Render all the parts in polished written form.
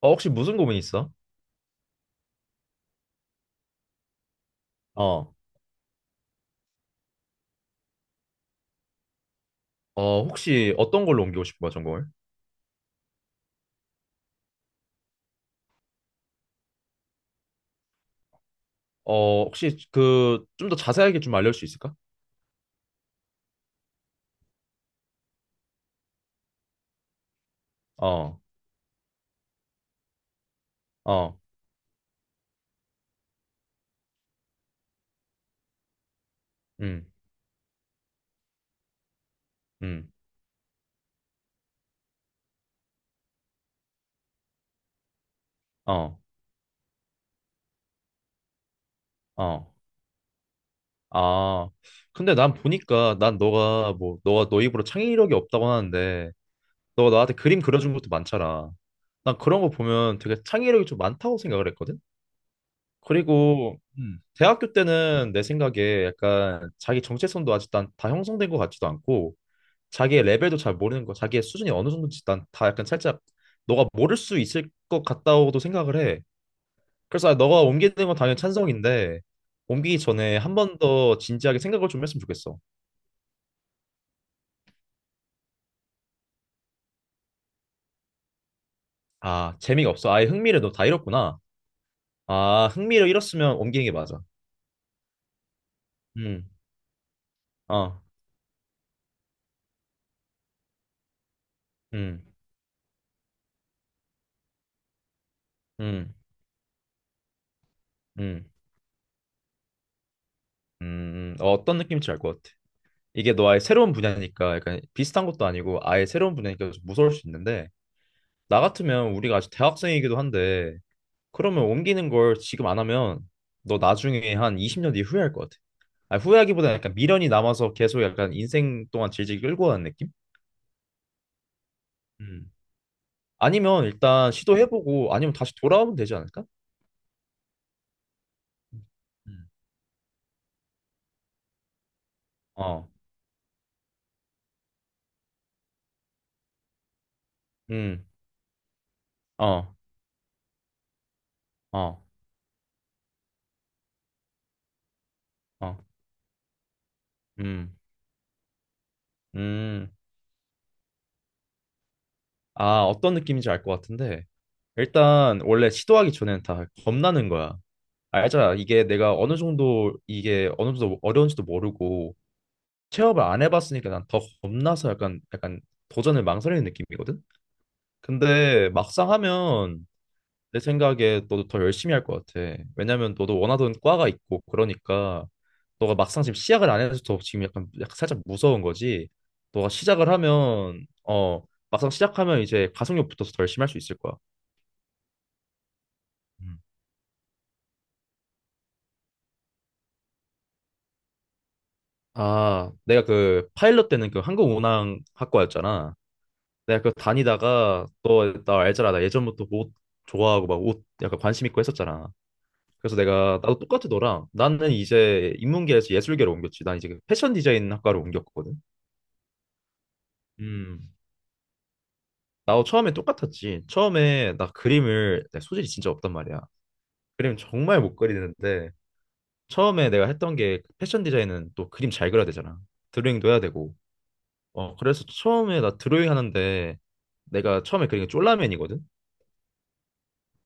혹시 무슨 고민 있어? 어, 혹시 어떤 걸로 옮기고 싶은 거야, 전공을? 혹시 그 좀 더 자세하게 좀 알려줄 수 있을까? 어, 어, 음, 음, 어, 어. 아, 근데 난 보니까 난 너가 뭐 너가 너 입으로 창의력이 없다고 하는데 너가 나한테 그림 그려준 것도 많잖아. 난 그런 거 보면 되게 창의력이 좀 많다고 생각을 했거든. 그리고 대학교 때는 내 생각에 약간 자기 정체성도 아직 난다 형성된 것 같지도 않고 자기의 레벨도 잘 모르는 거, 자기의 수준이 어느 정도인지 난 다 약간 살짝 너가 모를 수 있을 것 같다고도 생각을 해. 그래서 너가 옮기는 건 당연히 찬성인데 옮기기 전에 한 번 더 진지하게 생각을 좀 했으면 좋겠어. 아, 재미가 없어. 아예 흥미를 너 다 잃었구나. 아, 흥미를 잃었으면 옮기는 게 맞아. 음, 어, 음, 음, 음, 어떤 느낌인지 알 것 같아. 이게 너 아예 새로운 분야니까 약간 비슷한 것도 아니고 아예 새로운 분야니까 좀 무서울 수 있는데 나 같으면 우리가 아직 대학생이기도 한데 그러면 옮기는 걸 지금 안 하면 너 나중에 한 20년 뒤에 후회할 것 같아. 아, 후회하기보다 약간 미련이 남아서 계속 약간 인생 동안 질질 끌고 가는 느낌? 음, 아니면 일단 시도해보고 아니면 다시 돌아오면 되지 않을까? 음. 어, 음, 어, 어, 어, 음, 음. 아, 어떤 느낌인지 알 것 같은데. 일단, 원래 시도하기 전에는 다 겁나는 거야. 알잖아. 이게 어느 정도 어려운지도 모르고, 체험을 안 해봤으니까 난 더 겁나서 약간 도전을 망설이는 느낌이거든. 근데 막상 하면 내 생각에 너도 더 열심히 할 것 같아. 왜냐면 너도 원하던 과가 있고 그러니까 너가 막상 지금 시작을 안 해서 더 지금 약간 살짝 무서운 거지. 너가 시작을 하면 막상 시작하면 이제 가속력 붙어서 더 열심히 할 수 있을 거야. 음. 아, 내가 그 파일럿 때는 그 항공운항학과였잖아. 내가 그 다니다가 너 나 알잖아 나 예전부터 옷 좋아하고 막 옷 약간 관심 있고 했었잖아 그래서 내가 나도 똑같이 너랑 나는 이제 인문계에서 예술계로 옮겼지 난 이제 그 패션 디자인 학과로 옮겼거든 음 나도 처음에 똑같았지 처음에 나 그림을 내 소질이 진짜 없단 말이야 그림 정말 못 그리는데 처음에 내가 했던 게 그 패션 디자인은 또 그림 잘 그려야 되잖아 드로잉도 해야 되고 그래서 처음에 나 드로잉 하는데 내가 처음에 그린 게 쫄라맨이거든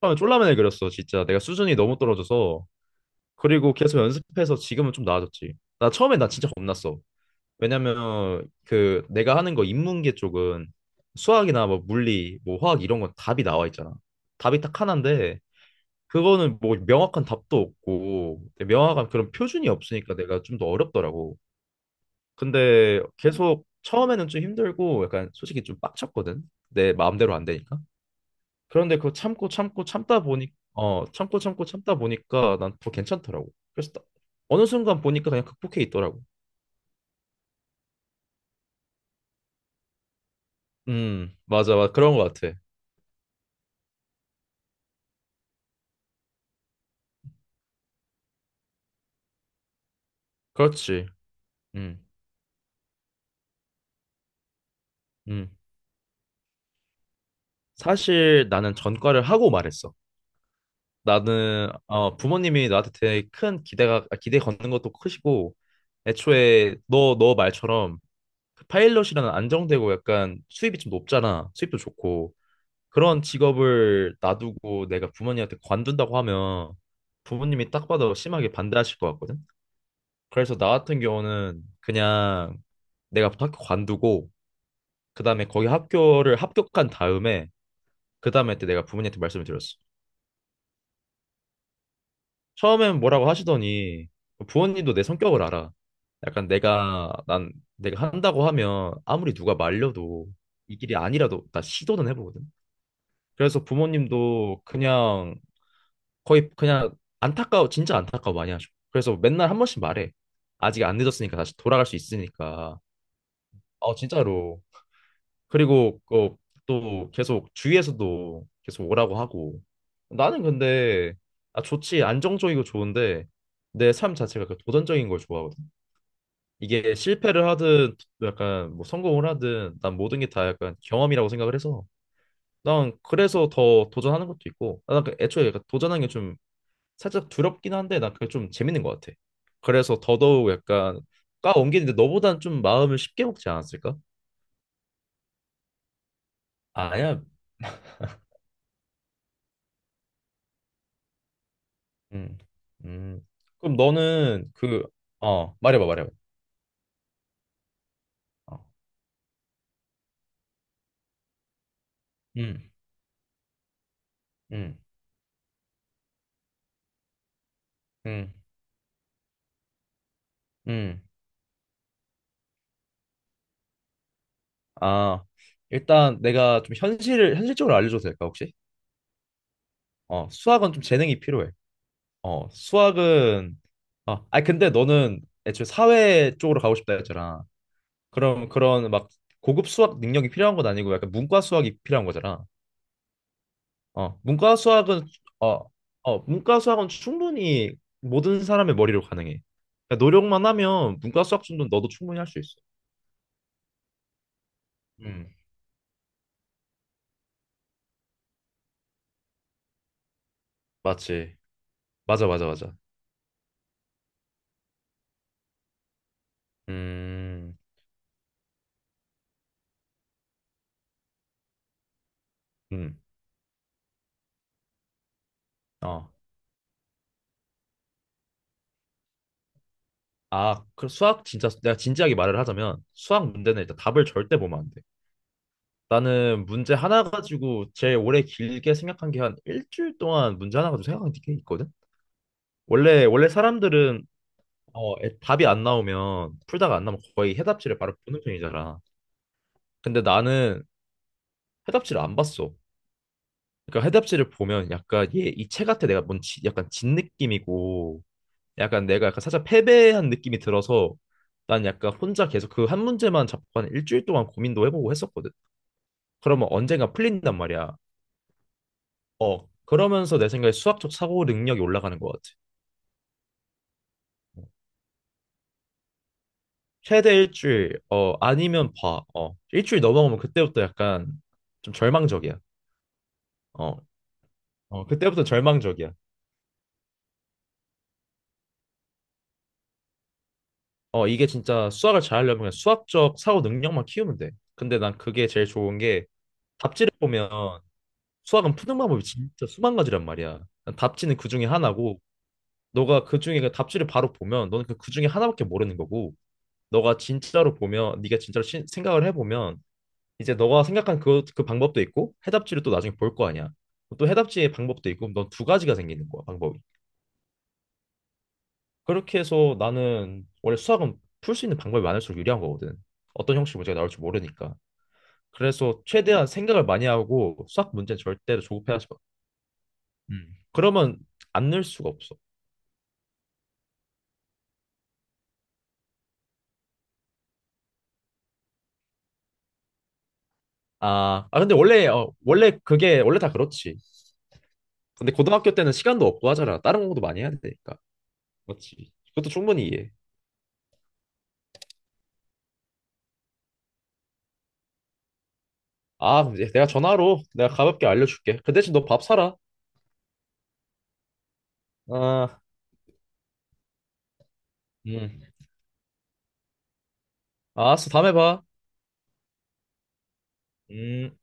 처음에 쫄라맨을 그렸어, 진짜. 내가 수준이 너무 떨어져서. 그리고 계속 연습해서 지금은 좀 나아졌지. 나 처음에 나 진짜 겁났어. 왜냐면 그 내가 하는 거 인문계 쪽은 수학이나 뭐 물리, 뭐 화학 이런 건 답이 나와 있잖아. 답이 딱 하나인데 그거는 뭐 명확한 답도 없고 명확한 그런 표준이 없으니까 내가 좀 더 어렵더라고. 근데 계속 처음에는 좀 힘들고 약간 솔직히 좀 빡쳤거든. 내 마음대로 안 되니까. 그런데 그거 참고 참고 참다 보니 참고 참고 참다 보니까 난 더 괜찮더라고. 그래서 딱 어느 순간 보니까 그냥 극복해 있더라고. 맞아 맞아 그런 거 같아. 그렇지. 음 음. 사실 나는 전과를 하고 말했어. 나는 부모님이 나한테 되게 큰 기대가 기대 걷는 것도 크시고 애초에 너 말처럼 그 파일럿이라는 안정되고 약간 수입이 좀 높잖아. 수입도 좋고. 그런 직업을 놔두고 내가 부모님한테 관둔다고 하면 부모님이 딱 봐도 심하게 반대하실 것 같거든. 그래서 나 같은 경우는 그냥 내가 학교 관두고 그다음에 거기 학교를 합격한 다음에 그다음에 때 내가 부모님한테 말씀을 드렸어. 처음엔 뭐라고 하시더니 부모님도 내 성격을 알아. 약간 내가 한다고 하면 아무리 누가 말려도 이 길이 아니라도 나 시도는 해보거든. 그래서 부모님도 그냥 거의 그냥 안타까워, 진짜 안타까워 많이 하죠. 그래서 맨날 한 번씩 말해. 아직 안 늦었으니까 다시 돌아갈 수 있으니까. 어, 진짜로. 그리고 또 계속 주위에서도 계속 오라고 하고. 나는 근데 좋지, 안정적이고 좋은데 내 삶 자체가 그 도전적인 걸 좋아하거든. 이게 실패를 하든 약간 뭐 성공을 하든 난 모든 게 다 약간 경험이라고 생각을 해서 난 그래서 더 도전하는 것도 있고 난그 애초에 약간 도전하는 게좀 살짝 두렵긴 한데 난 그게 좀 재밌는 것 같아. 그래서 더더욱 약간 까 옮기는데 너보단 좀 마음을 쉽게 먹지 않았을까? 아니야. 음. 음. 그럼 너는 말해봐, 말해봐. 어. 음. 음. 음. 음. 아, 일단 내가 좀 현실을 현실적으로 알려줘도 될까, 혹시? 수학은 좀 재능이 필요해. 수학은 아니 근데 너는 애초에 사회 쪽으로 가고 싶다 했잖아. 그럼 그런 막 고급 수학 능력이 필요한 건 아니고 약간 문과 수학이 필요한 거잖아. 어, 문과 수학은 어, 문과 수학은 충분히 모든 사람의 머리로 가능해. 그러니까 노력만 하면 문과 수학 정도는 너도 충분히 할 수 있어. 음, 맞지. 맞아, 맞아, 맞아. 음, 음, 어. 아, 그 수학 진짜 내가 진지하게 말을 하자면 수학 문제는 일단 답을 절대 보면 안 돼. 나는 문제 하나 가지고 제일 오래 길게 생각한 게 한 일주일 동안 문제 하나 가지고 생각한 게 있거든. 원래 사람들은 답이 안 나오면 풀다가 안 나오면 거의 해답지를 바로 보는 편이잖아. 근데 나는 해답지를 안 봤어. 그러니까 해답지를 보면 약간 얘 이 책 같아 내가 뭔 약간 진 느낌이고 약간 내가 약간 살짝 패배한 느낌이 들어서 난 약간 혼자 계속 그 한 문제만 잡고 한 일주일 동안 고민도 해보고 했었거든. 그러면 언젠가 풀린단 말이야. 그러면서 내 생각에 수학적 사고 능력이 올라가는 것 같아. 최대 일주일, 아니면 봐. 일주일 넘어가면 그때부터 약간 좀 절망적이야. 어, 그때부터 절망적이야. 이게 진짜 수학을 잘하려면 그냥 수학적 사고 능력만 키우면 돼. 근데 난 그게 제일 좋은 게 답지를 보면 수학은 푸는 방법이 진짜 수만 가지란 말이야. 난 답지는 그 중에 하나고, 너가 그 중에 그 답지를 바로 보면 너는 그 중에 하나밖에 모르는 거고, 너가 진짜로 보면, 네가 진짜로 생각을 해보면 이제 너가 생각한 그 방법도 있고 해답지를 또 나중에 볼 거 아니야. 또 해답지의 방법도 있고 넌 두 가지가 생기는 거야, 방법이. 그렇게 해서 나는 원래 수학은 풀 수 있는 방법이 많을수록 유리한 거거든. 어떤 형식 문제가 나올지 모르니까. 그래서 최대한 생각을 많이 하고 수학 문제는 절대로 조급해하지 마. 음. 그러면 안 늘 수가 없어. 아 근데 원래 원래 그게 원래 다 그렇지. 근데 고등학교 때는 시간도 없고 하잖아. 다른 공부도 많이 해야 되니까. 그렇지. 그것도 충분히 이해. 아, 이제 내가 전화로 내가 가볍게 알려줄게. 그 대신 너 밥 사라. 아, 음. 알았어, 다음에 봐. 음.